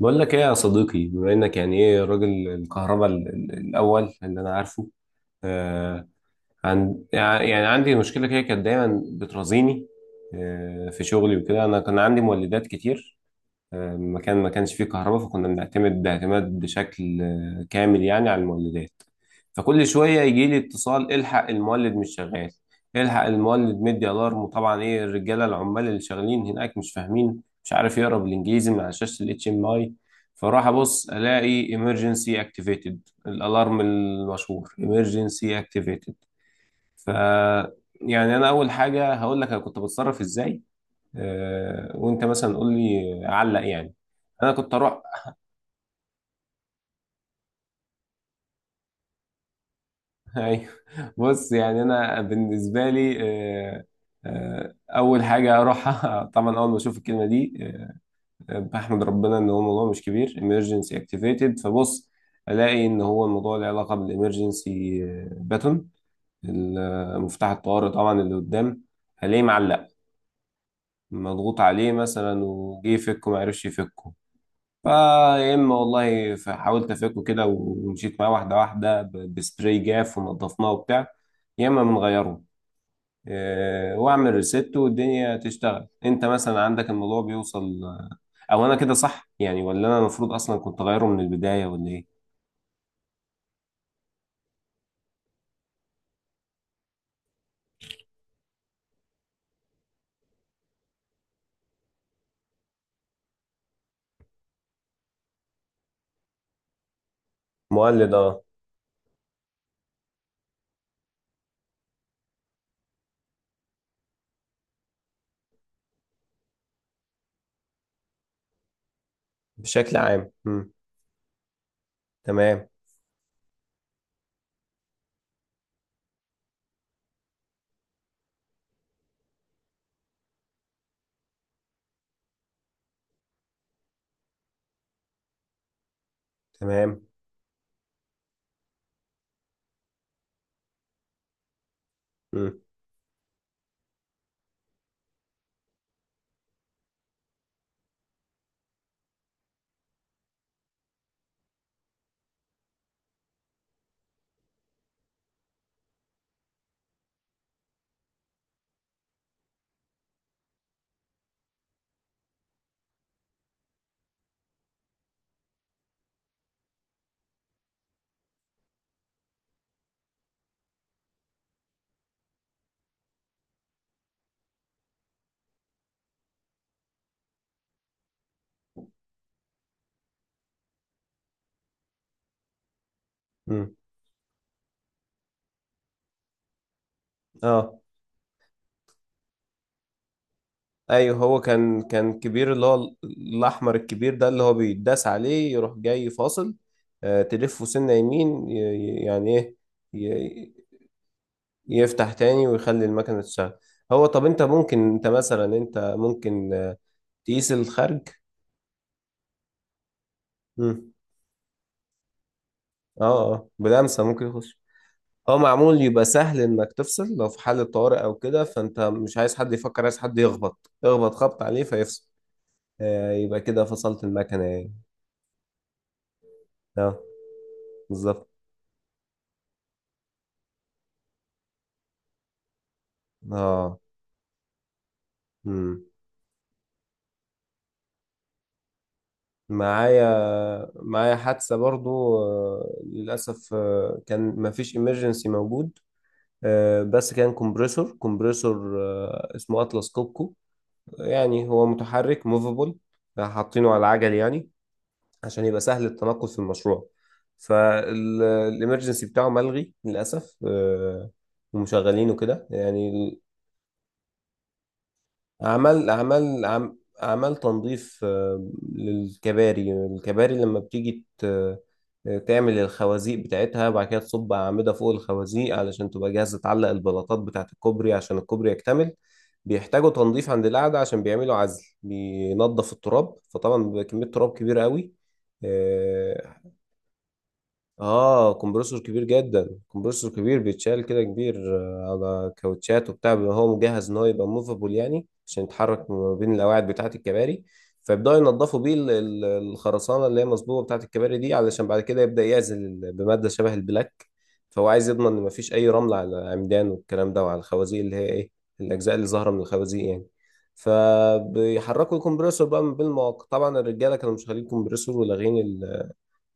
بقول لك ايه يا صديقي؟ بما انك يعني ايه راجل الكهرباء الاول اللي انا عارفه. آه. عن يعني عندي مشكله كده، كانت دايما بترازيني في شغلي وكده. انا كان عندي مولدات كتير مكان ما كانش فيه كهرباء، فكنا بنعتمد اعتماد بشكل كامل يعني على المولدات. فكل شوية يجي لي اتصال: الحق المولد مش شغال، الحق المولد مدي الارم. وطبعا ايه الرجالة، العمال اللي شغالين هناك مش فاهمين، مش عارف يقرا بالانجليزي من على شاشة الاتش ام اي. فراح ابص الاقي emergency activated، الالارم المشهور emergency activated. ف يعني انا اول حاجة هقول لك انا كنت بتصرف ازاي. آه، وانت مثلا قول لي علق يعني. انا كنت اروح. ايوه. بص، يعني انا بالنسبه لي، آه، آه، اول حاجه اروحها طبعا اول ما اشوف الكلمه دي، بحمد ربنا ان هو الموضوع مش كبير emergency activated، فبص الاقي ان هو الموضوع له علاقه بالامرجنسي باتون، مفتاح الطوارئ طبعا اللي قدام. هلاقيه معلق مضغوط عليه مثلا، وجه يفكه ما عرفش يفكه. فيا اما والله حاولت افكه كده ومشيت معاه واحده واحده بسبراي جاف ونضفناه وبتاع، يا اما بنغيره واعمل ريست والدنيا تشتغل. انت مثلا عندك الموضوع بيوصل او انا كده صح يعني، ولا انا المفروض اصلا كنت اغيره من البدايه ولا ايه؟ مولد، اه. بشكل عام. مم. تمام. تمام. مم. مم. اه. ايوه، هو كان كبير، اللي هو الاحمر الكبير ده اللي هو بيتداس عليه يروح جاي فاصل، تلفه سنه يمين، يعني ايه، ي- يفتح تاني ويخلي المكنه تشتغل. هو طب انت ممكن تقيس الخرج. مم. اه، اه، بلمسه ممكن يخش. هو معمول يبقى سهل انك تفصل لو في حالة طوارئ او كده، فانت مش عايز حد يفكر، عايز حد يخبط اخبط خبط عليه فيفصل. يبقى كده فصلت المكنه يعني. اه. بالظبط. اه. مم. معايا معايا حادثة برضو آه، للأسف كان مفيش إمرجنسي موجود. بس كان كومبريسور اسمه أطلس كوبكو. يعني هو متحرك موفابل، حاطينه على العجل يعني، عشان يبقى سهل التنقل في المشروع. فالإمرجنسي بتاعه ملغي للأسف، ومشغلينه كده يعني. أعمال أعمال أعم- أعمال تنظيف الكباري، لما بتيجي تعمل الخوازيق بتاعتها، وبعد كده تصب أعمدة فوق الخوازيق علشان تبقى جاهزة تعلق البلاطات بتاعة الكوبري عشان الكوبري يكتمل. بيحتاجوا تنظيف عند القعدة عشان بيعملوا عزل، بينظف التراب، فطبعا بيبقى كمية تراب كبيرة قوي. اه، كومبرسور كبير جدا، كومبرسور كبير بيتشال كده كبير على كاوتشات وبتاع، بيبقى هو مجهز ان هو يبقى موفابل يعني عشان يتحرك ما بين القواعد بتاعه الكباري. فيبداوا ينضفوا بيه الخرسانه اللي هي مصبوبه بتاعه الكباري دي، علشان بعد كده يبدا يعزل بماده شبه البلاك. فهو عايز يضمن ان مفيش اي رمل على العمدان والكلام ده وعلى الخوازيق، اللي هي ايه، الاجزاء اللي ظاهره من الخوازيق يعني. فبيحركوا الكمبرسور بقى من بين المواقع. طبعا الرجاله كانوا مشغلين الكمبرسور ولاغين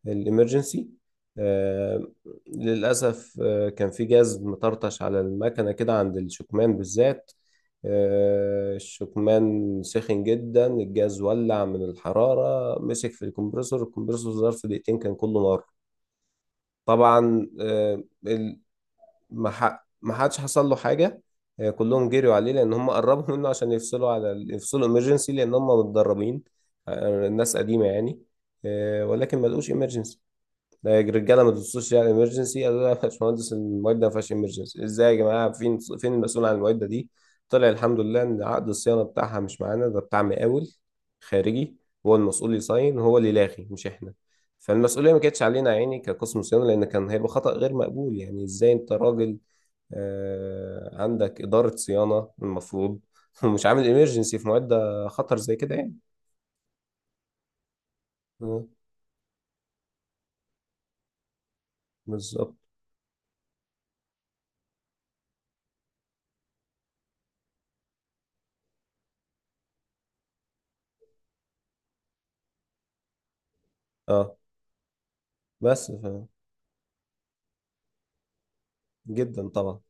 الإمرجنسي. آه، للأسف كان في جاز مطرطش على المكنة كده عند الشكمان بالذات. الشكمان سخن جدا، الجاز ولع من الحرارة مسك في الكمبرسور. الكمبرسور ظرف دقيقتين كان كله نار. طبعا ما حدش حصل له حاجة. كلهم جريوا عليه لأن هم قربوا منه عشان يفصلوا يفصلوا إمرجنسي، لأن هم متدربين الناس قديمة يعني. ولكن ما لقوش إمرجنسي. ده الرجاله ما تبصوش يعني ايمرجنسي، قالوا لا يا باشمهندس المواد ده ما فيهاش ايمرجنسي. ازاي يا جماعه؟ فين فين المسؤول عن المواد دي؟ طلع الحمد لله ان عقد الصيانه بتاعها مش معانا، ده بتاع مقاول خارجي. هو المسؤول يصين، هو اللي لاغي مش احنا. فالمسؤوليه ما كانتش علينا يا عيني كقسم صيانه، لان كان هيبقى خطا غير مقبول. يعني ازاي انت راجل عندك اداره صيانه المفروض، ومش عامل ايمرجنسي في مواد خطر زي كده يعني. آه، بالظبط. اه، بس جدا طبعا.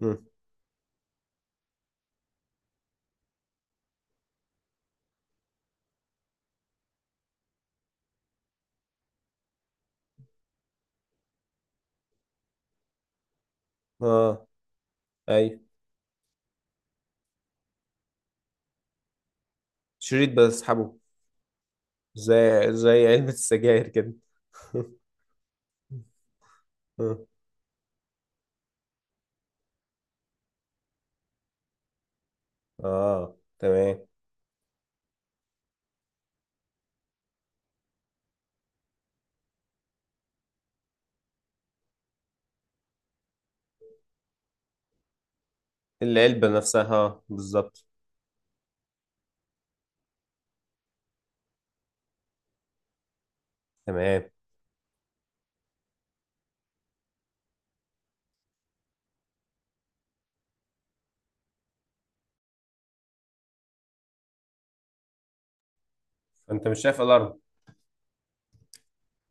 مم. اه. اي. شريط بسحبه. زي زي علبة السجاير كده. اه، تمام. العلبة نفسها، بالظبط. تمام. فانت مش شايف الارم.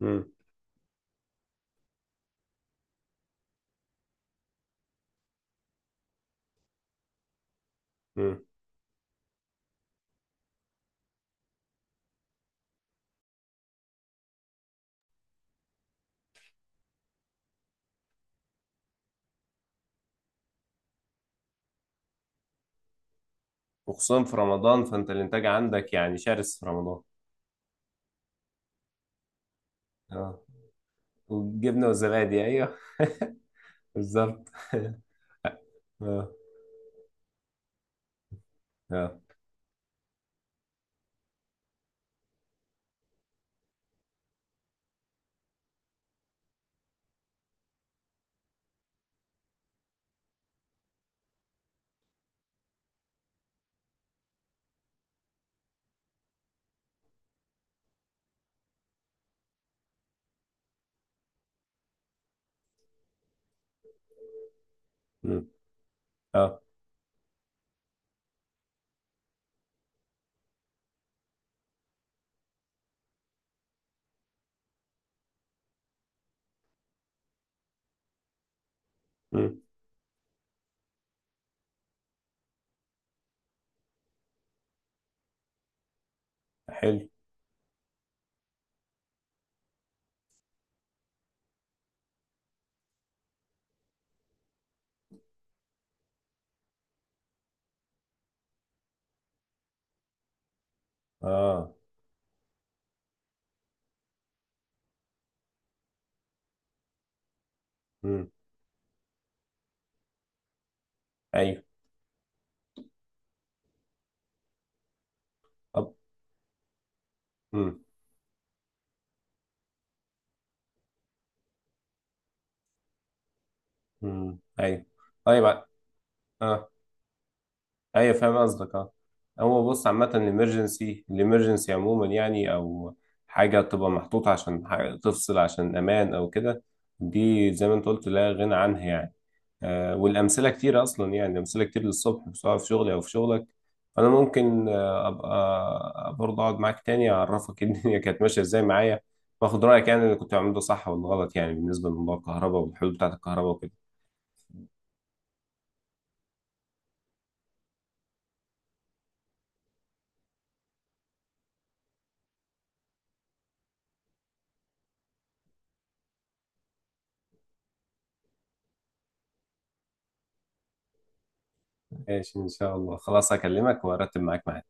مم. مم. وخصوصا في رمضان، فانت الانتاج عندك يعني شرس في رمضان. اه، والجبنة والزبادي، ايوه. بالظبط اه. اه. مم. اه. مم. حلو. اه. مم. ايوه. طب. مم. مم. ايوه. طيب. اه. ايوه، فاهم قصدك، اه. هو بص، عامة الامرجنسي عموما يعني، او حاجة تبقى محطوطة عشان تفصل عشان امان او كده. دي زي ما انت قلت لا غنى عنها يعني. والامثلة كتير اصلا يعني، امثلة كتير للصبح، سواء في شغلي او في شغلك. فانا ممكن ابقى برضه اقعد معاك تاني، اعرفك إيه الدنيا كانت ماشية ازاي معايا، واخد رأيك يعني اللي كنت بعمله ده صح ولا غلط يعني، بالنسبة لموضوع الكهرباء والحلول بتاعت الكهرباء وكده. ماشي، ان شاء الله، خلاص هكلمك وارتب معاك معايا.